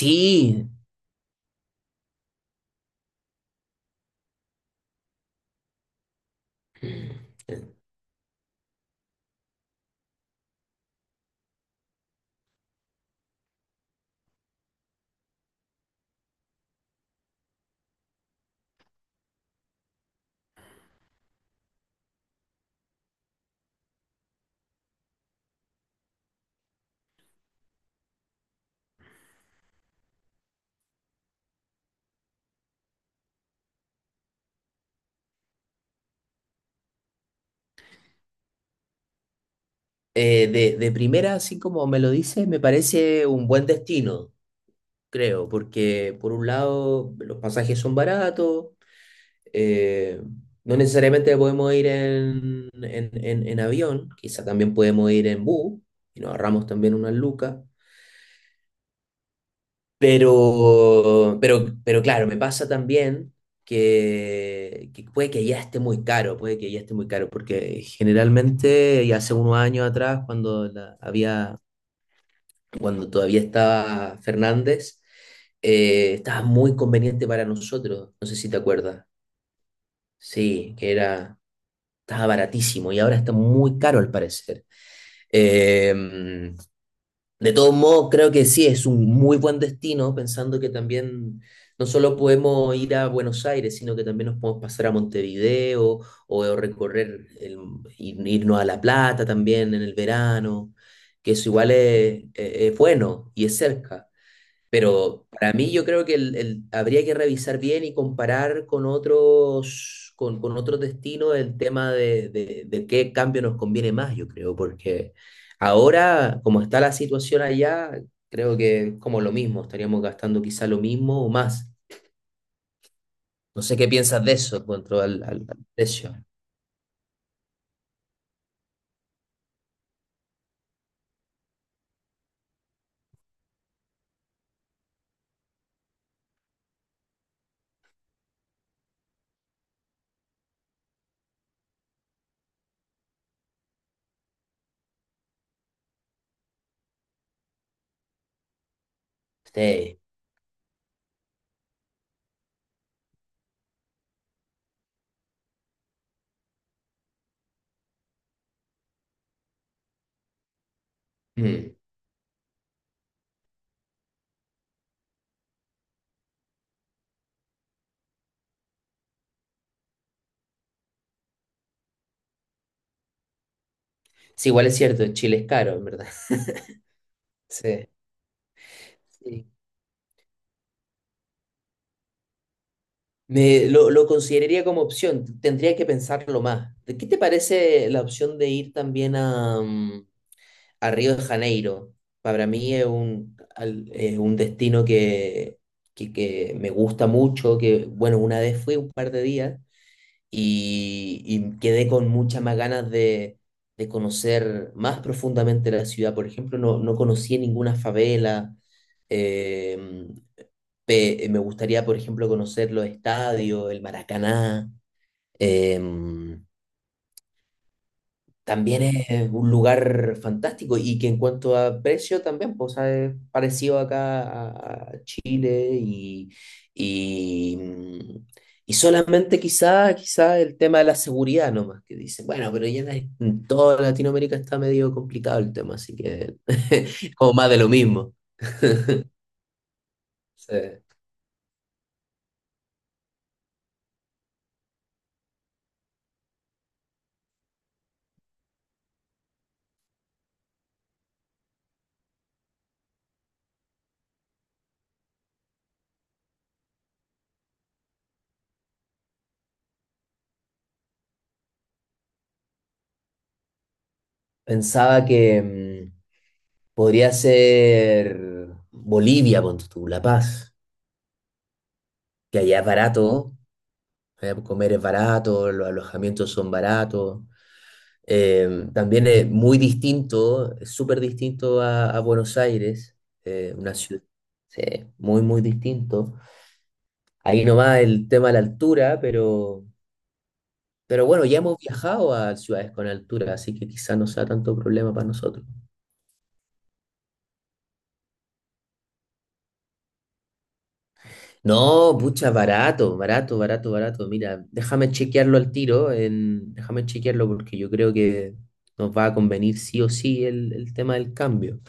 Sí, de primera, así como me lo dices, me parece un buen destino, creo, porque por un lado los pasajes son baratos, eh, no necesariamente podemos ir en avión, quizá también podemos ir en bus y nos ahorramos también unas lucas, pero claro, me pasa también que puede que ya esté muy caro, puede que ya esté muy caro, porque generalmente, y hace unos años atrás, cuando la- había cuando todavía estaba Fernández, estaba muy conveniente para nosotros, no sé si te acuerdas. Sí, estaba baratísimo y ahora está muy caro al parecer. Eh, de todos modos, creo que sí, es un muy buen destino, pensando que también no solo podemos ir a Buenos Aires, sino que también nos podemos pasar a Montevideo o, o irnos a La Plata también en el verano, que eso igual es bueno y es cerca. Pero para mí yo creo que habría que revisar bien y comparar con otros, con otros destinos el tema de qué cambio nos conviene más, yo creo, porque ahora, como está la situación allá, creo que es como lo mismo, estaríamos gastando quizá lo mismo o más. No sé qué piensas de eso cuanto al precio. Sí. Mm. Sí, igual es cierto, Chile es caro, en verdad. Sí. Sí. Lo consideraría como opción, tendría que pensarlo más. ¿De ¿Qué te parece la opción de ir también a, a Río de Janeiro? Para mí es es un destino que me gusta mucho, que bueno, una vez fui un par de días y quedé con muchas más ganas de conocer más profundamente la ciudad. Por ejemplo, no, no conocí ninguna favela. em, Me gustaría, por ejemplo, conocer los estadios, el Maracaná. em, También es un lugar fantástico y que en cuanto a precio también, pues, o es parecido acá a Chile y, mm, y solamente quizá, quizá el tema de la seguridad nomás, que dice, bueno, pero ya en toda Latinoamérica está medio complicado el tema, así que como más de lo mismo. Sí. Pensaba que... mm, Podría ser Bolivia, ponte tú, La Paz, que allá es barato, allá comer es barato, los alojamientos son baratos. También es muy distinto, es súper distinto a Buenos Aires, eh, una ciudad, sí, muy, muy distinto. Ahí nomás el tema de la altura, pero bueno, ya hemos viajado a ciudades con altura, así que quizás no sea tanto problema para nosotros. No, pucha, barato, barato, barato, barato. Mira, déjame chequearlo al tiro, déjame chequearlo porque yo creo que nos va a convenir sí o sí el tema del cambio.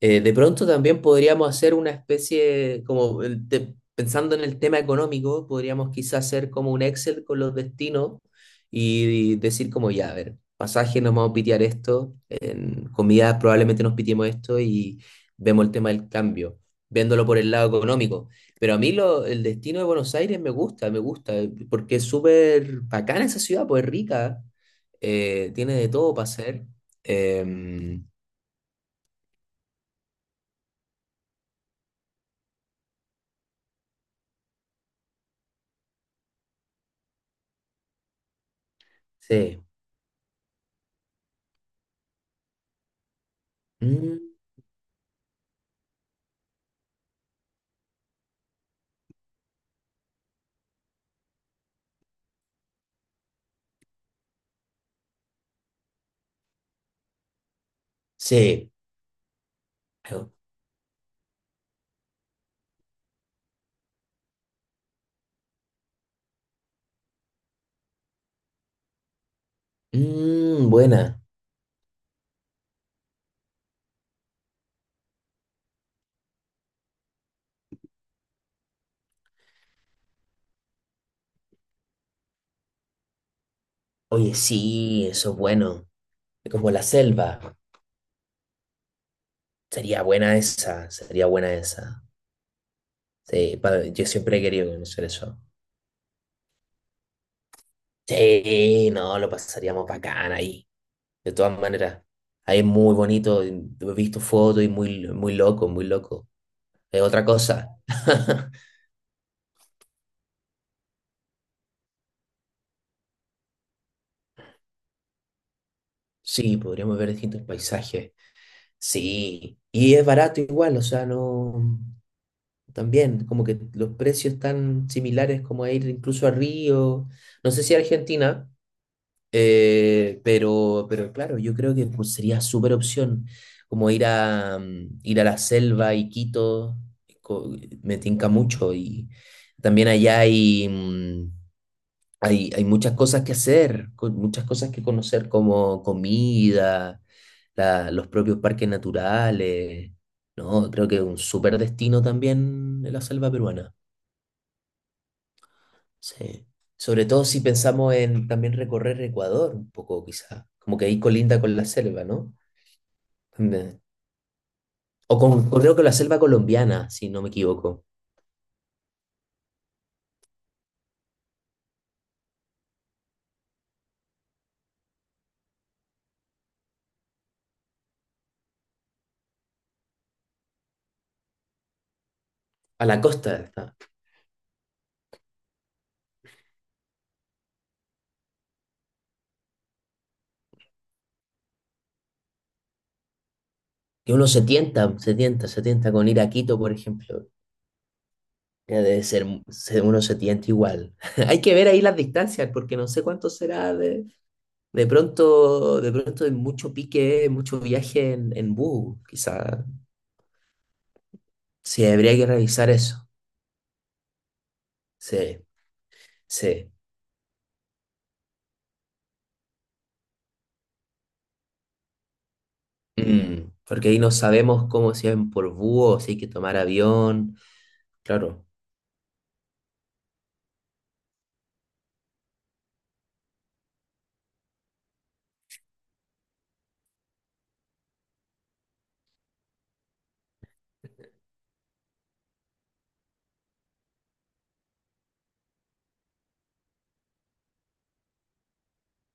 De pronto también podríamos hacer una especie, pensando en el tema económico, podríamos quizás hacer como un Excel con los destinos y decir como, ya, a ver, pasaje nos vamos a pitear esto, en comida probablemente nos pitiemos esto y vemos el tema del cambio, viéndolo por el lado económico. Pero a mí el destino de Buenos Aires me gusta, porque es súper bacana esa ciudad, pues es rica, tiene de todo para hacer. Em, sí. Mm. Sí. Pero, mm, buena. Oye, sí, eso es bueno. Como la selva. Sería buena esa, sería buena esa. Sí, yo siempre he querido conocer eso. Sí, no, lo pasaríamos bacán ahí. De todas maneras, ahí es muy bonito. Y he visto fotos y muy, muy loco, muy loco. Es otra cosa. Sí, podríamos ver distintos paisajes. Sí, y es barato igual, o sea, no. También, como que los precios están similares como a ir incluso a Río, no sé si a Argentina, pero claro, yo creo que pues, sería súper opción como ir a, ir a la selva y Quito, co- me tinca mucho y también allá hay muchas cosas que hacer, muchas cosas que conocer como comida, los propios parques naturales, ¿no? Creo que es un súper destino también de la selva peruana. Sí. Sobre todo si pensamos en también recorrer Ecuador un poco, quizá. Como que ahí colinda con la selva, ¿no? También. O con, creo que la selva colombiana, si no me equivoco. A la costa está. Que uno se tienta, se tienta, se tienta con ir a Quito, por ejemplo. Ya debe ser, uno se tienta igual. Hay que ver ahí las distancias, porque no sé cuánto será de pronto hay mucho pique, mucho viaje en bus, quizá. Sí, habría que revisar eso. Sí. Sí. Mm, porque ahí no sabemos cómo se ven por búho, o si hay que tomar avión. Claro.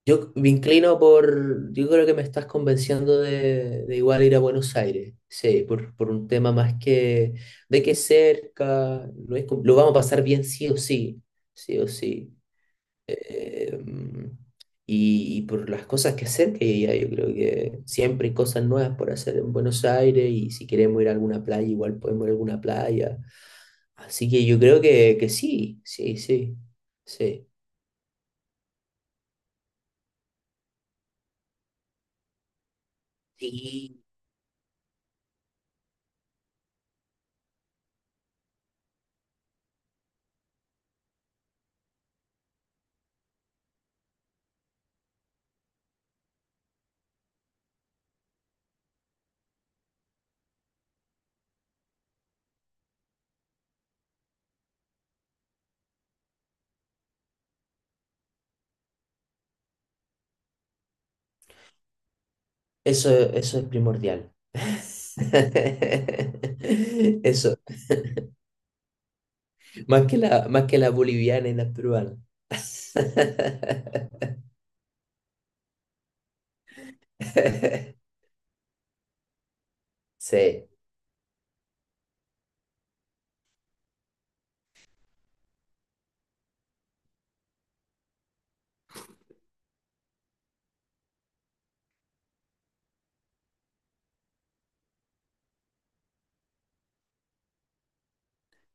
Yo me inclino por. Yo creo que me estás convenciendo de igual ir a Buenos Aires. Sí, por un tema más que de que es cerca, no es com- lo vamos a pasar bien sí o sí. Sí o sí. Eh, y por las cosas que hacer que hay allá, yo creo que siempre hay cosas nuevas por hacer en Buenos Aires. Y si queremos ir a alguna playa, igual podemos ir a alguna playa. Así que yo creo que sí, sí, sí, sí. Sí. Eso es primordial. Eso, más que la boliviana y la peruana. Sí,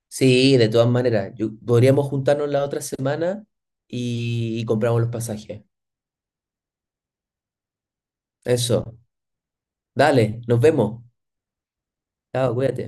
sí, de todas maneras. Podríamos juntarnos la otra semana y compramos los pasajes. Eso. Dale, nos vemos. Chao, cuídate.